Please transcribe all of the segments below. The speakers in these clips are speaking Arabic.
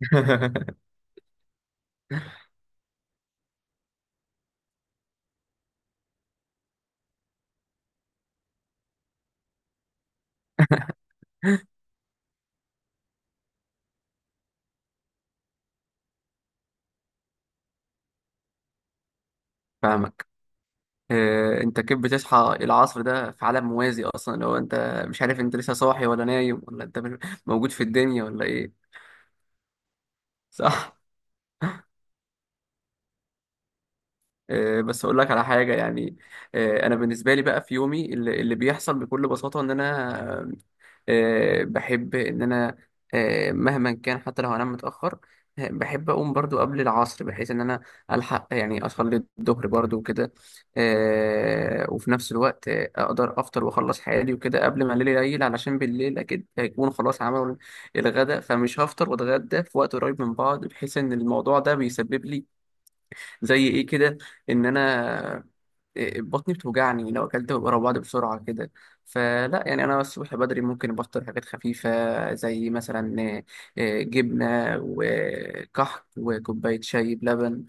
فاهمك. انت كيف بتصحى العصر ده في عالم موازي اصلا؟ لو انت مش عارف انت لسه صاحي ولا نايم ولا انت موجود في الدنيا ولا ايه؟ صح. بس اقول لك على حاجه يعني. انا بالنسبه لي بقى في يومي اللي بيحصل بكل بساطه ان انا بحب إن أنا، مهما كان حتى لو هنام متأخر، بحب أقوم برضو قبل العصر بحيث إن أنا ألحق يعني أصلي الظهر برضو وكده. وفي نفس الوقت أقدر أفطر وأخلص حياتي وكده قبل ما الليل يليل، علشان بالليل أكيد هيكون خلاص عملوا الغداء، فمش هفطر وأتغدى في وقت قريب من بعض، بحيث إن الموضوع ده بيسبب لي زي إيه كده، إن أنا بطني بتوجعني لو اكلت ورا بعض بسرعه كده. فلا يعني انا الصبح بدري ممكن بفطر حاجات خفيفه زي مثلا جبنه وكحك وكوبايه شاي بلبن.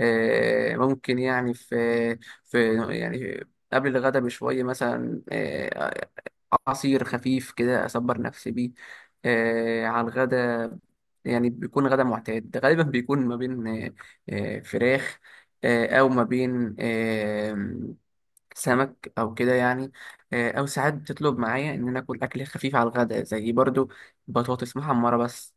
ممكن يعني في قبل الغدا بشويه مثلا، عصير خفيف كده اصبر نفسي بيه على الغدا. يعني بيكون غدا معتاد، غالبا بيكون ما بين فراخ او ما بين سمك او كده يعني. او ساعات بتطلب معايا ان انا اكل اكل خفيف على الغداء، زي برضو بطاطس محمره بس،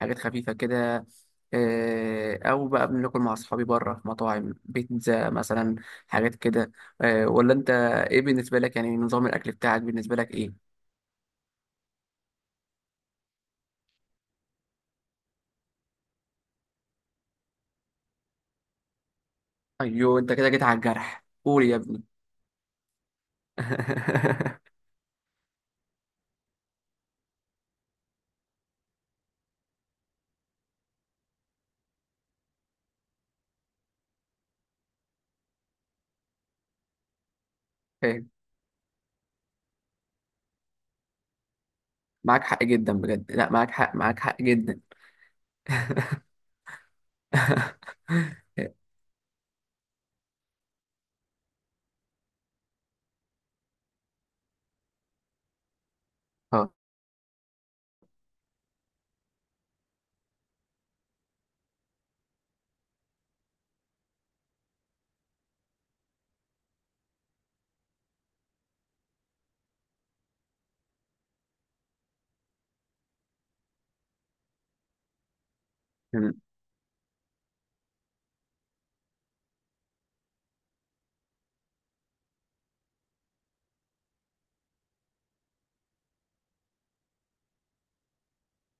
حاجات خفيفه كده. او بقى بناكل مع اصحابي بره في مطاعم بيتزا مثلا، حاجات كده. ولا انت ايه بالنسبه لك، يعني نظام الاكل بتاعك بالنسبه لك ايه؟ ايوه انت كده جيت على الجرح، قول يا ابني. إيه، معاك حق جدا بجد، لا معاك حق، معاك حق جدا. اه،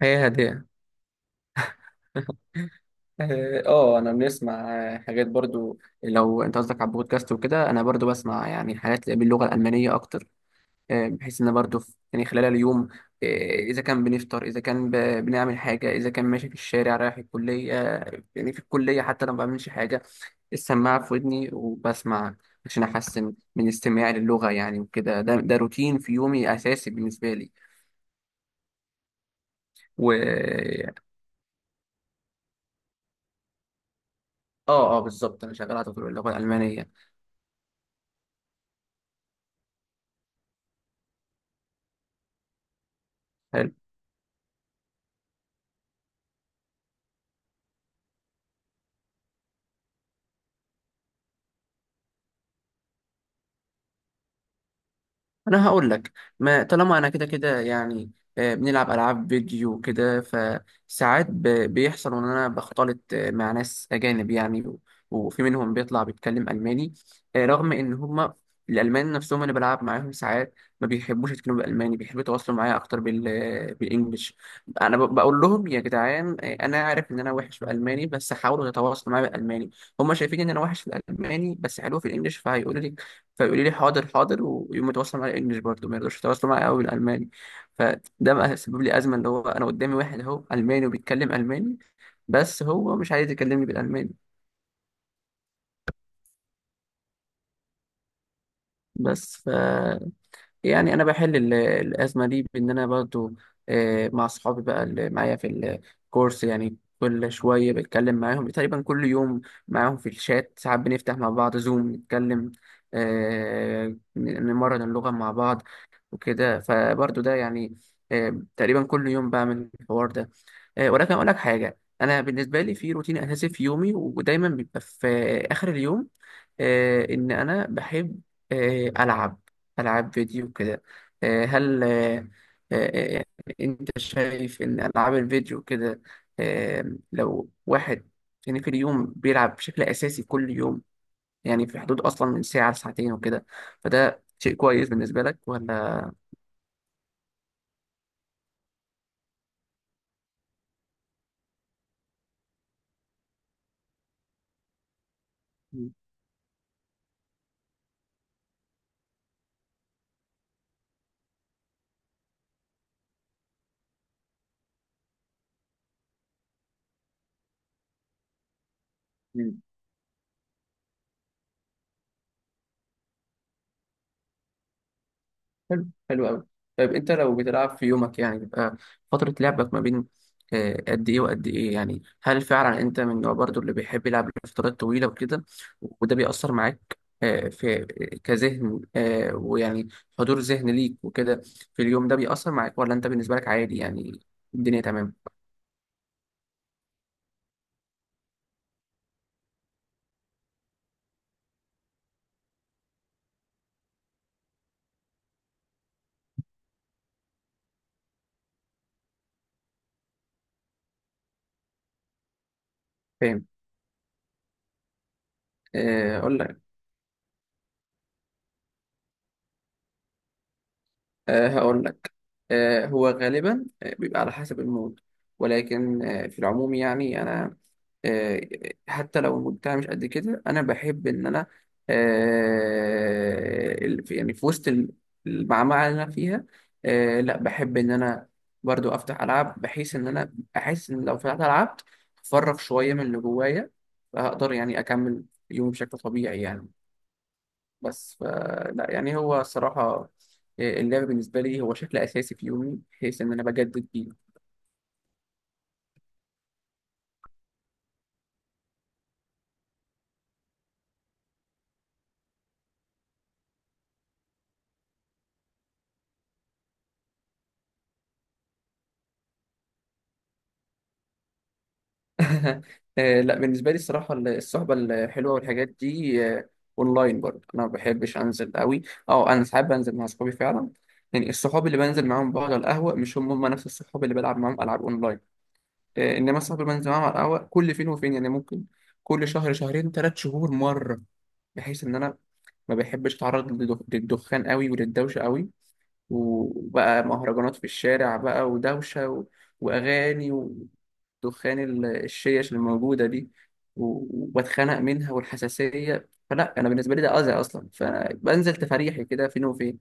هي هديه. اه، انا بنسمع حاجات برضو. لو انت قصدك على البودكاست وكده، انا برضو بسمع يعني حاجات باللغه الالمانيه اكتر. بحيث ان برضو يعني خلال اليوم، آه، اذا كان بنفطر، اذا كان بنعمل حاجه، اذا كان ماشي في الشارع رايح الكليه، يعني في الكليه حتى لو ما بعملش حاجه، السماعه في ودني وبسمع عشان احسن من استماعي للغه يعني. وكده ده روتين في يومي اساسي بالنسبه لي. و اه بالظبط، انا شغال على تطوير اللغه الالمانيه. انا هقول لك، ما طالما انا كده يعني بنلعب العاب فيديو كده، فساعات بيحصل ان انا بختلط مع ناس اجانب يعني، وفي منهم بيطلع بيتكلم الماني. رغم ان هما الالمان نفسهم انا بلعب معاهم ساعات ما بيحبوش يتكلموا بالالماني، بيحبوا يتواصلوا معايا اكتر بالانجلش. انا بقول لهم يا جدعان انا عارف ان انا وحش بالالماني بس حاولوا يتواصلوا معايا بالالماني. هما شايفين ان انا وحش في الالماني بس حلو في الانجلش فهيقولوا لي، فيقولوا لي حاضر حاضر ويقوم يتواصل معايا انجلش برضه، ما يرضوش يتواصلوا معايا قوي بالالماني. فده بقى سبب لي ازمه، اللي هو انا قدامي واحد اهو الماني وبيتكلم الماني بس هو مش عايز يكلمني بالالماني. بس ف يعني انا بحل الازمه دي بان انا برضه مع اصحابي بقى اللي معايا في الكورس، يعني كل شويه بتكلم معاهم تقريبا كل يوم. معاهم في الشات ساعات بنفتح مع بعض زوم نتكلم، آه، نمرن اللغه مع بعض وكده. فبرضه ده يعني تقريبا كل يوم بعمل الحوار ده. ولكن اقول لك حاجه، انا بالنسبه لي في روتين اساسي في يومي ودايما بيبقى في اخر اليوم، ان انا بحب العب العاب فيديو كده. آه، هل آه، آه، آه، انت شايف ان العاب الفيديو كده آه، لو واحد يعني في اليوم بيلعب بشكل اساسي كل يوم، يعني في حدود اصلا من ساعه لساعتين وكده، فده شيء كويس بالنسبه لك ولا؟ مم. حلو، حلو قوي. طيب انت لو بتلعب في يومك يعني بيبقى فترة لعبك ما بين قد ايه وقد ايه؟ يعني هل فعلا انت من النوع برضو اللي بيحب يلعب لفترات طويلة وكده، وده بيأثر معاك آه، في آه، كذهن ويعني حضور ذهن ليك وكده في اليوم ده؟ بيأثر معاك ولا انت بالنسبة لك عادي يعني، الدنيا تمام؟ فاهم. آه، اقول لك آه، هقول آه، هو غالبا بيبقى على حسب المود. ولكن في العموم يعني انا آه، حتى لو المود بتاعي مش قد كده، انا بحب ان انا يعني في وسط المعمعة اللي انا فيها لا بحب ان انا برضو افتح العاب، بحيث ان انا احس ان لو فتحت العاب افرغ شوية من اللي جوايا فهقدر يعني اكمل يومي بشكل طبيعي يعني. بس ف- لا يعني هو الصراحة اللعب بالنسبة لي هو شكل أساسي في يومي بحيث إن أنا بجدد بيه. لا، بالنسبة لي الصراحة الصحبة الحلوة والحاجات دي أونلاين برضه، أنا ما بحبش أنزل قوي. أه أنا ساعات بنزل مع أصحابي فعلا. يعني الصحاب اللي بنزل معاهم بقعد على القهوة مش هم نفس الصحاب اللي بلعب معاهم ألعاب أونلاين. إنما الصحاب اللي بنزل معاهم على القهوة كل فين وفين، يعني ممكن كل شهر، شهرين، ثلاث شهور مرة، بحيث إن أنا ما بحبش أتعرض للدخان قوي وللدوشة قوي، وبقى مهرجانات في الشارع بقى ودوشة و... وأغاني ودخان الشيش الموجودة دي، وبتخنق منها والحساسية. فلا، أنا بالنسبة لي ده أذى أصلا، فبنزل تفريحي كده فين وفين.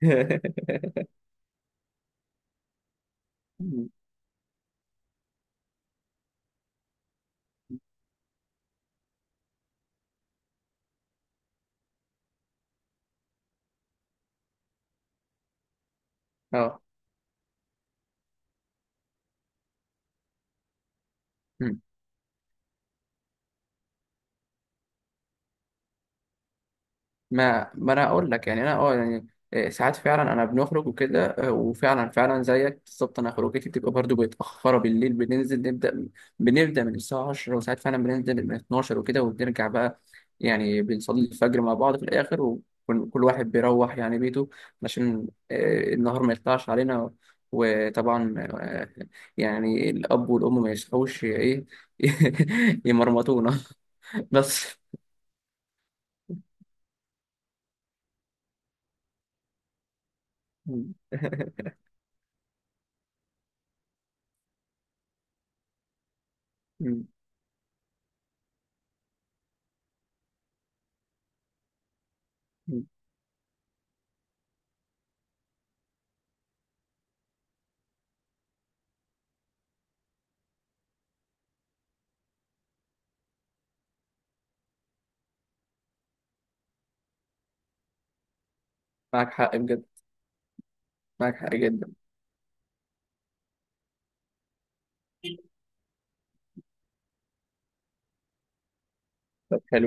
اه، ما انا اقول لك يعني انا اه يعني ساعات فعلا انا بنخرج وكده. وفعلا فعلا زيك بالظبط، انا خروجتي بتبقى برضو متاخره بالليل، بننزل نبدا بنبدا من الساعه 10، وساعات فعلا بننزل من 12 وكده، وبنرجع بقى، يعني بنصلي الفجر مع بعض في الاخر، وكل واحد بيروح يعني بيته، عشان النهار ما يطلعش علينا. وطبعا يعني الاب والام ما يصحوش ايه يمرمطونا. بس. معاك حق بجد، معاك حق جدا. طب حلو.